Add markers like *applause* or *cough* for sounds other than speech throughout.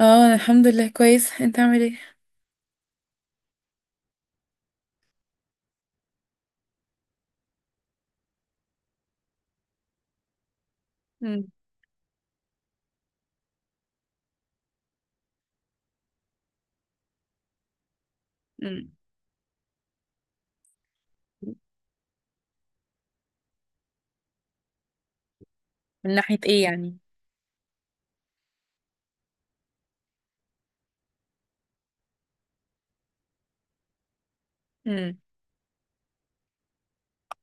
اه، انا الحمد لله كويس. انت عامل ايه؟ مم. مم. من ناحية ايه يعني؟ مم.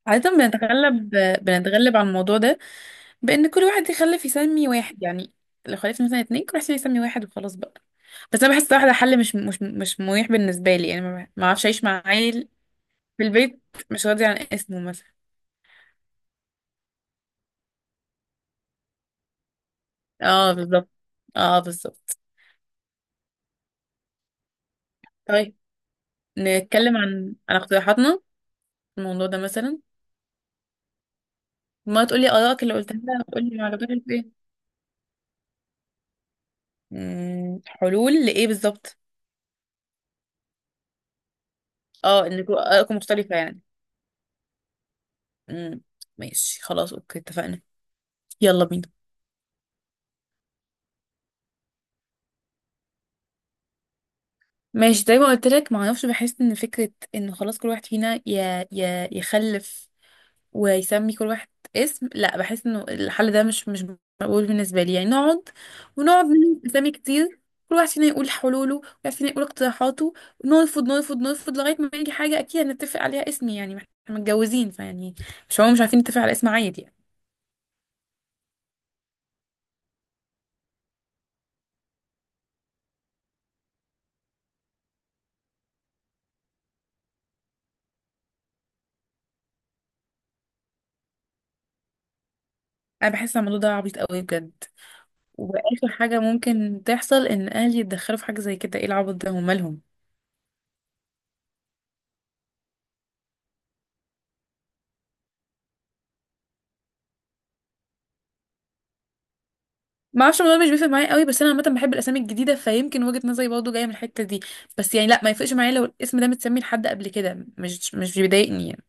عادة بنتغلب على الموضوع ده، بان كل واحد يخلف يسمي واحد يعني، لو خلفت مثلا اتنين، كل واحد يسمي واحد وخلاص بقى. بس انا بحس واحدة حل مش مريح بالنسبة لي، يعني ما اعرفش اعيش مع عيل في البيت مش راضي عن اسمه مثلا. اه، بالظبط. اه، بالظبط. طيب، نتكلم عن اقتراحاتنا في الموضوع ده مثلا. ما تقولي ارائك اللي قلتها، وتقولي ما عجبتكش ايه. حلول لإيه بالظبط؟ اه، انكم آراءكم مختلفة يعني. مم، ماشي، خلاص، اوكي اتفقنا. يلا بينا. ماشي، زي ما قلت لك، ما اعرفش، بحس ان فكرة ان خلاص كل واحد فينا يخلف ويسمي كل واحد اسم، لا، بحس انه الحل ده مش مقبول بالنسبة لي، يعني نقعد ونقعد نلم اسامي كتير، كل واحد فينا يقول حلوله، كل واحد فينا يقول اقتراحاته، نرفض، نرفض، نرفض لغاية ما يجي حاجة اكيد هنتفق عليها اسم، يعني ما احنا متجوزين فيعني. مش هو مش عارفين نتفق على اسم عادي يعني. انا بحس إن الموضوع ده عبيط قوي، بجد. واخر حاجه ممكن تحصل ان اهلي يتدخلوا في حاجه زي كده، ايه العبط ده، هم مالهم؟ ما اعرفش، الموضوع مش بيفرق معايا قوي، بس انا عامه بحب الاسامي الجديده، فيمكن وجهه نظري برضه جايه من الحته دي. بس يعني لا، ما يفرقش معايا لو الاسم ده متسمي لحد قبل كده، مش بيضايقني يعني.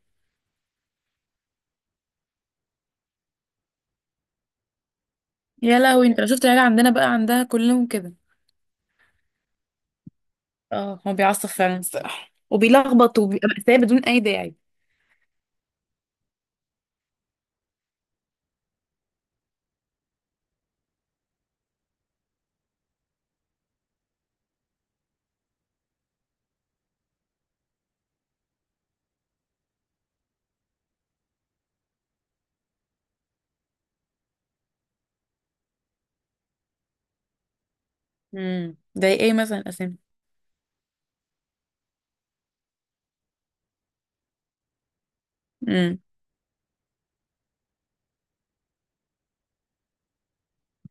يا لهوي، انت لو شفت العيله عندنا بقى عندها كلهم كده. اه، هو بيعصب فعلا الصراحه، وبيلخبط وبيبقى مأساة بدون اي داعي. زي ايه مثلا اسامي؟ امم،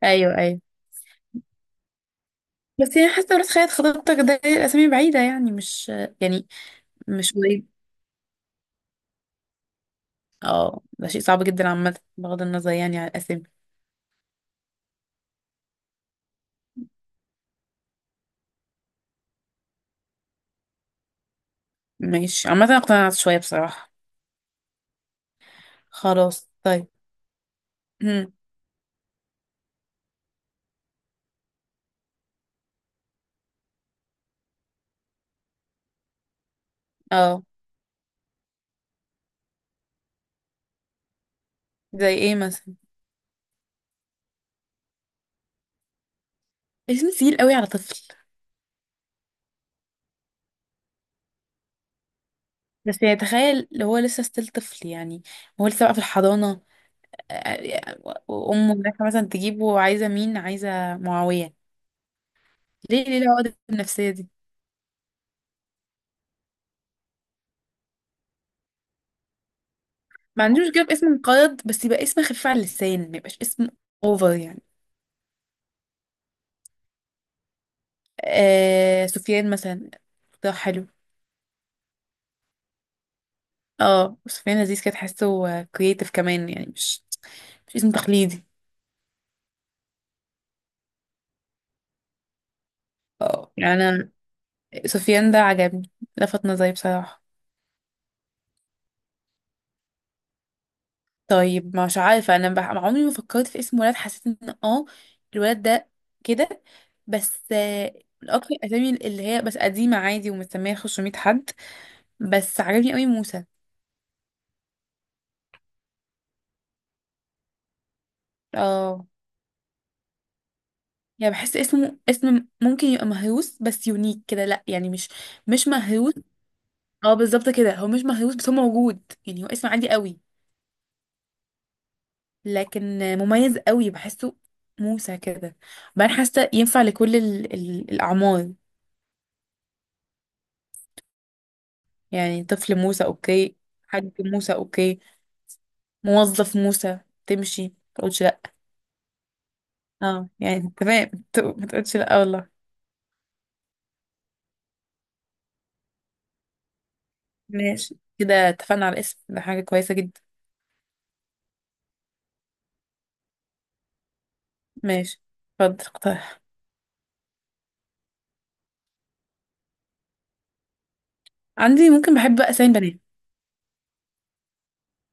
ايوه، ايوه. بس يعني حاسه راس خيط خطيبتك ده، الاسامي بعيده يعني، مش. يعني مش قريب. اه، ده شيء صعب جدا عامة، بغض النظر يعني عن الأسامي. ماشي، عامة أنا اقتنعت شوية بصراحة. خلاص. طيب. هم. اه، زي ايه مثلا؟ اسم تقيل قوي على طفل. بس يعني تخيل لو هو لسه ستيل طفل يعني، هو لسه بقى في الحضانة. وأمه رايحة مثلا تجيبه، عايزة مين، عايزة معاوية؟ ليه ليه العقد النفسية دي؟ ما عنديش مشكلة باسم مقيد، بس يبقى اسم خفيف على اللسان، ما يبقاش اسم اوفر يعني. آه، سفيان مثلا. ده حلو. اه، سفيان لذيذ كده، تحسه كرييتيف كمان يعني، مش اسم تقليدي. اه، يعني انا، سفيان ده عجبني، لفت نظري بصراحة. طيب، مش عارفة، انا عمري ما فكرت في اسم ولد، حسيت ان الولد ده كده، بس من اكتر الاسامي اللي هي بس قديمة عادي، ومسمية 500 حد. بس عجبني قوي موسى. اه، يعني بحس اسمه اسم ممكن يبقى مهروس بس يونيك كده، لا يعني مش مهروس. اه، بالظبط كده، هو مش مهروس بس هو موجود، يعني هو اسم عادي قوي. لكن مميز قوي بحسه، موسى كده. بعدين حاسه ينفع لكل ال الاعمار. يعني طفل موسى، اوكي. حاج موسى، اوكي. موظف موسى. تمشي، ما تقولش لا. اه، يعني تمام *laughs* ما تقولش لا والله. ماشي كده، اتفقنا على الاسم ده، حاجه كويسه جدا. ماشي، اتفضل اقترح. عندي، ممكن، بحب بقى اسامي بنات.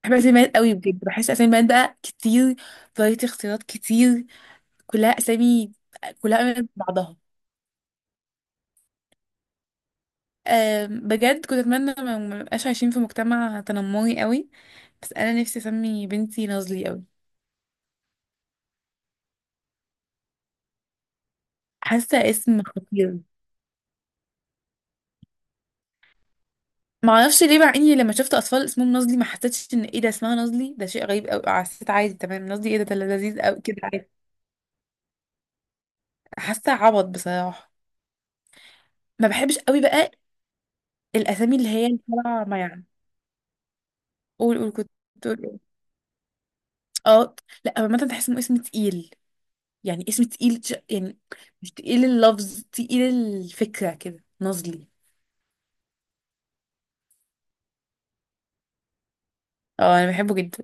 بحب اسامي بنات قوي بجد، بحس اسامي بنات بقى كتير، فرايتي اختيارات كتير، كلها اسامي، كلها قريبة من بعضها. بجد كنت اتمنى ما نبقاش عايشين في مجتمع تنمري قوي. بس انا نفسي اسمي بنتي نازلي قوي. حاسه اسم خطير. ما اعرفش ليه، مع اني لما شفت اطفال اسمهم نازلي ما حسيتش ان ايه ده اسمها نازلي، ده شيء غريب قوي، حسيت عادي تمام، نازلي، ايه ده لذيذ قوي كده، عادي. حاسه عبط بصراحه. ما بحبش قوي بقى. الاسامي اللي هي اللي طالعه، ما يعني. قول، قول، كنت تقول ايه؟ اه. لا عامه تحس انه اسم تقيل، يعني اسم تقيل يعني، مش تقيل اللفظ، تقيل الفكره، كده نازلي. اه، انا بحبه جدا.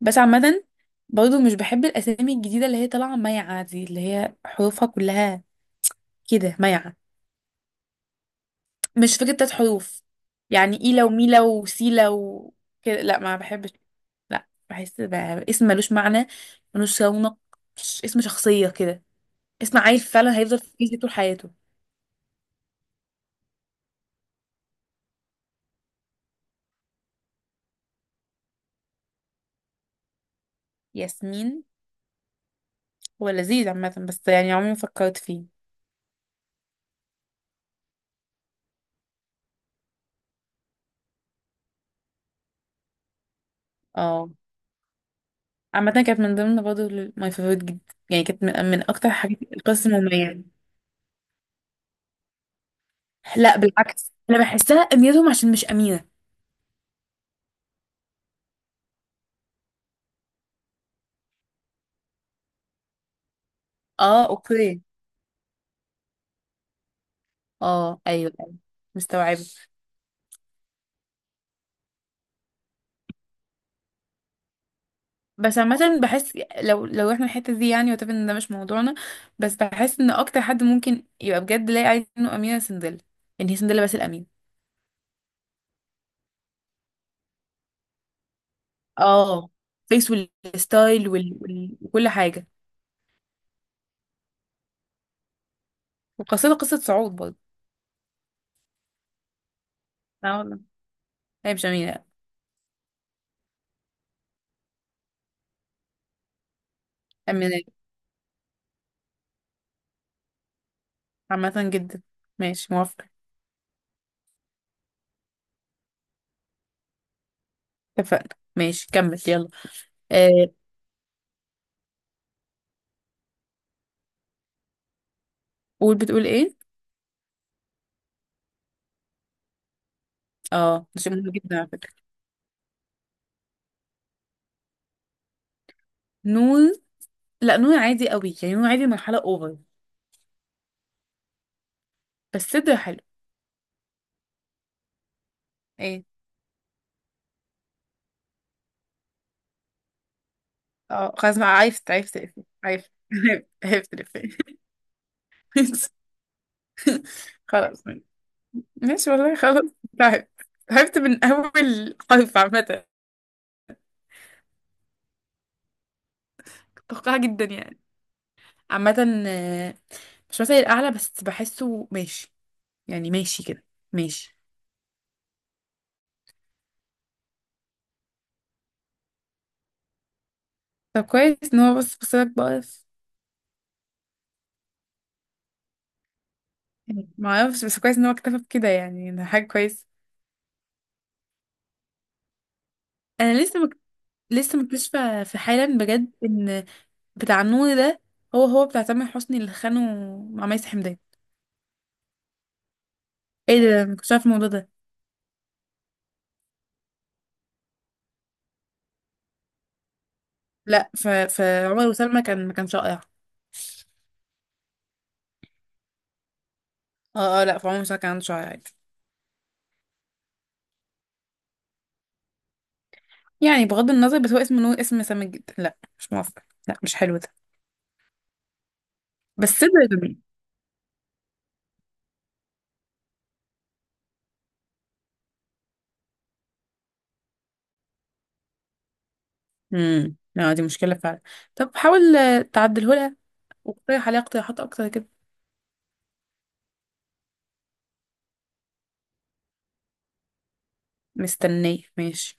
بس عامة، برضه مش بحب الاسامي الجديدة اللي هي طالعة مايعة دي، اللي هي حروفها كلها كده مايعة، مش فكرة تلات حروف، يعني ايلا وميلا وسيلا وكده، لا ما بحبش. لا، بحس بقى اسم ملوش معنى، ملوش رونق، اسم شخصية كده. اسم عيل فعلا هيفضل في كيس طول حياته. ياسمين. هو لذيذ عامة، بس يعني عمري ما فكرت فيه. اه، عامة كانت من ضمن برضه، ماي فيفورت جدا. يعني كانت من اكتر حاجات القصص المميزة. لا، بالعكس انا بحسها اميتهم عشان مش امينه. اه، اوكي. اه، ايوه، ايوه. مستوعبه. بس عامه بحس، لو احنا الحته دي يعني، وتبقى ان ده مش موضوعنا، بس بحس ان اكتر حد ممكن يبقى بجد لاقي عايز انه امينه سندل، ان هي سندل بس الامين. اه، فيس والستايل وكل حاجه. وقصتها قصه صعود برضه. لا والله، هي مش امينه. امينه. عامه جدا. ماشي، موافقه. اتفقنا، ماشي، كمل، يلا. آه، قول، بتقول ايه؟ اه، ده شيء مهم جدا على فكرة. نون. لا، نون عادي قوي، يعني نون عادي مرحلة اوفر. بس صدر حلو. ايه؟ اه، خلاص بقى، عرفت الإفيه. عرفت *laughs* عرفت الإفيه. *laughs* خلاص. ماشي والله، خلاص. تعبت. تعبت من أول حرف عامة. توقع جدا يعني. عامة، مش مثلي الأعلى، بس بحسه ماشي، يعني ماشي كده. ماشي. طب، كويس إن هو بص بص لك بقف. يعني معرفش، بس كويس إن هو اكتفى بكده، يعني ده حاجة كويسة. أنا لسه مك... لسه مكتشفة في حالا بجد إن بتاع النور ده، هو هو بتاع تامر حسني اللي خانه مع ميس حمدان. ايه ده، ما كنتش عارف الموضوع ده. لا، فعمر وسلمى كان، ما كانش رائع. اه، اه، لا فعمر وسلمى كان عنده شعر عادي. يعني بغض النظر، بس هو اسم نور اسم سامج جدا، لا مش موافقة، لا مش حلو ده. بس صدر جميل. لا، دي مشكلة فعلا. طب حاول تعدله لها، واقترح عليها اقتراحات اكتر كده. مستنية، ماشي.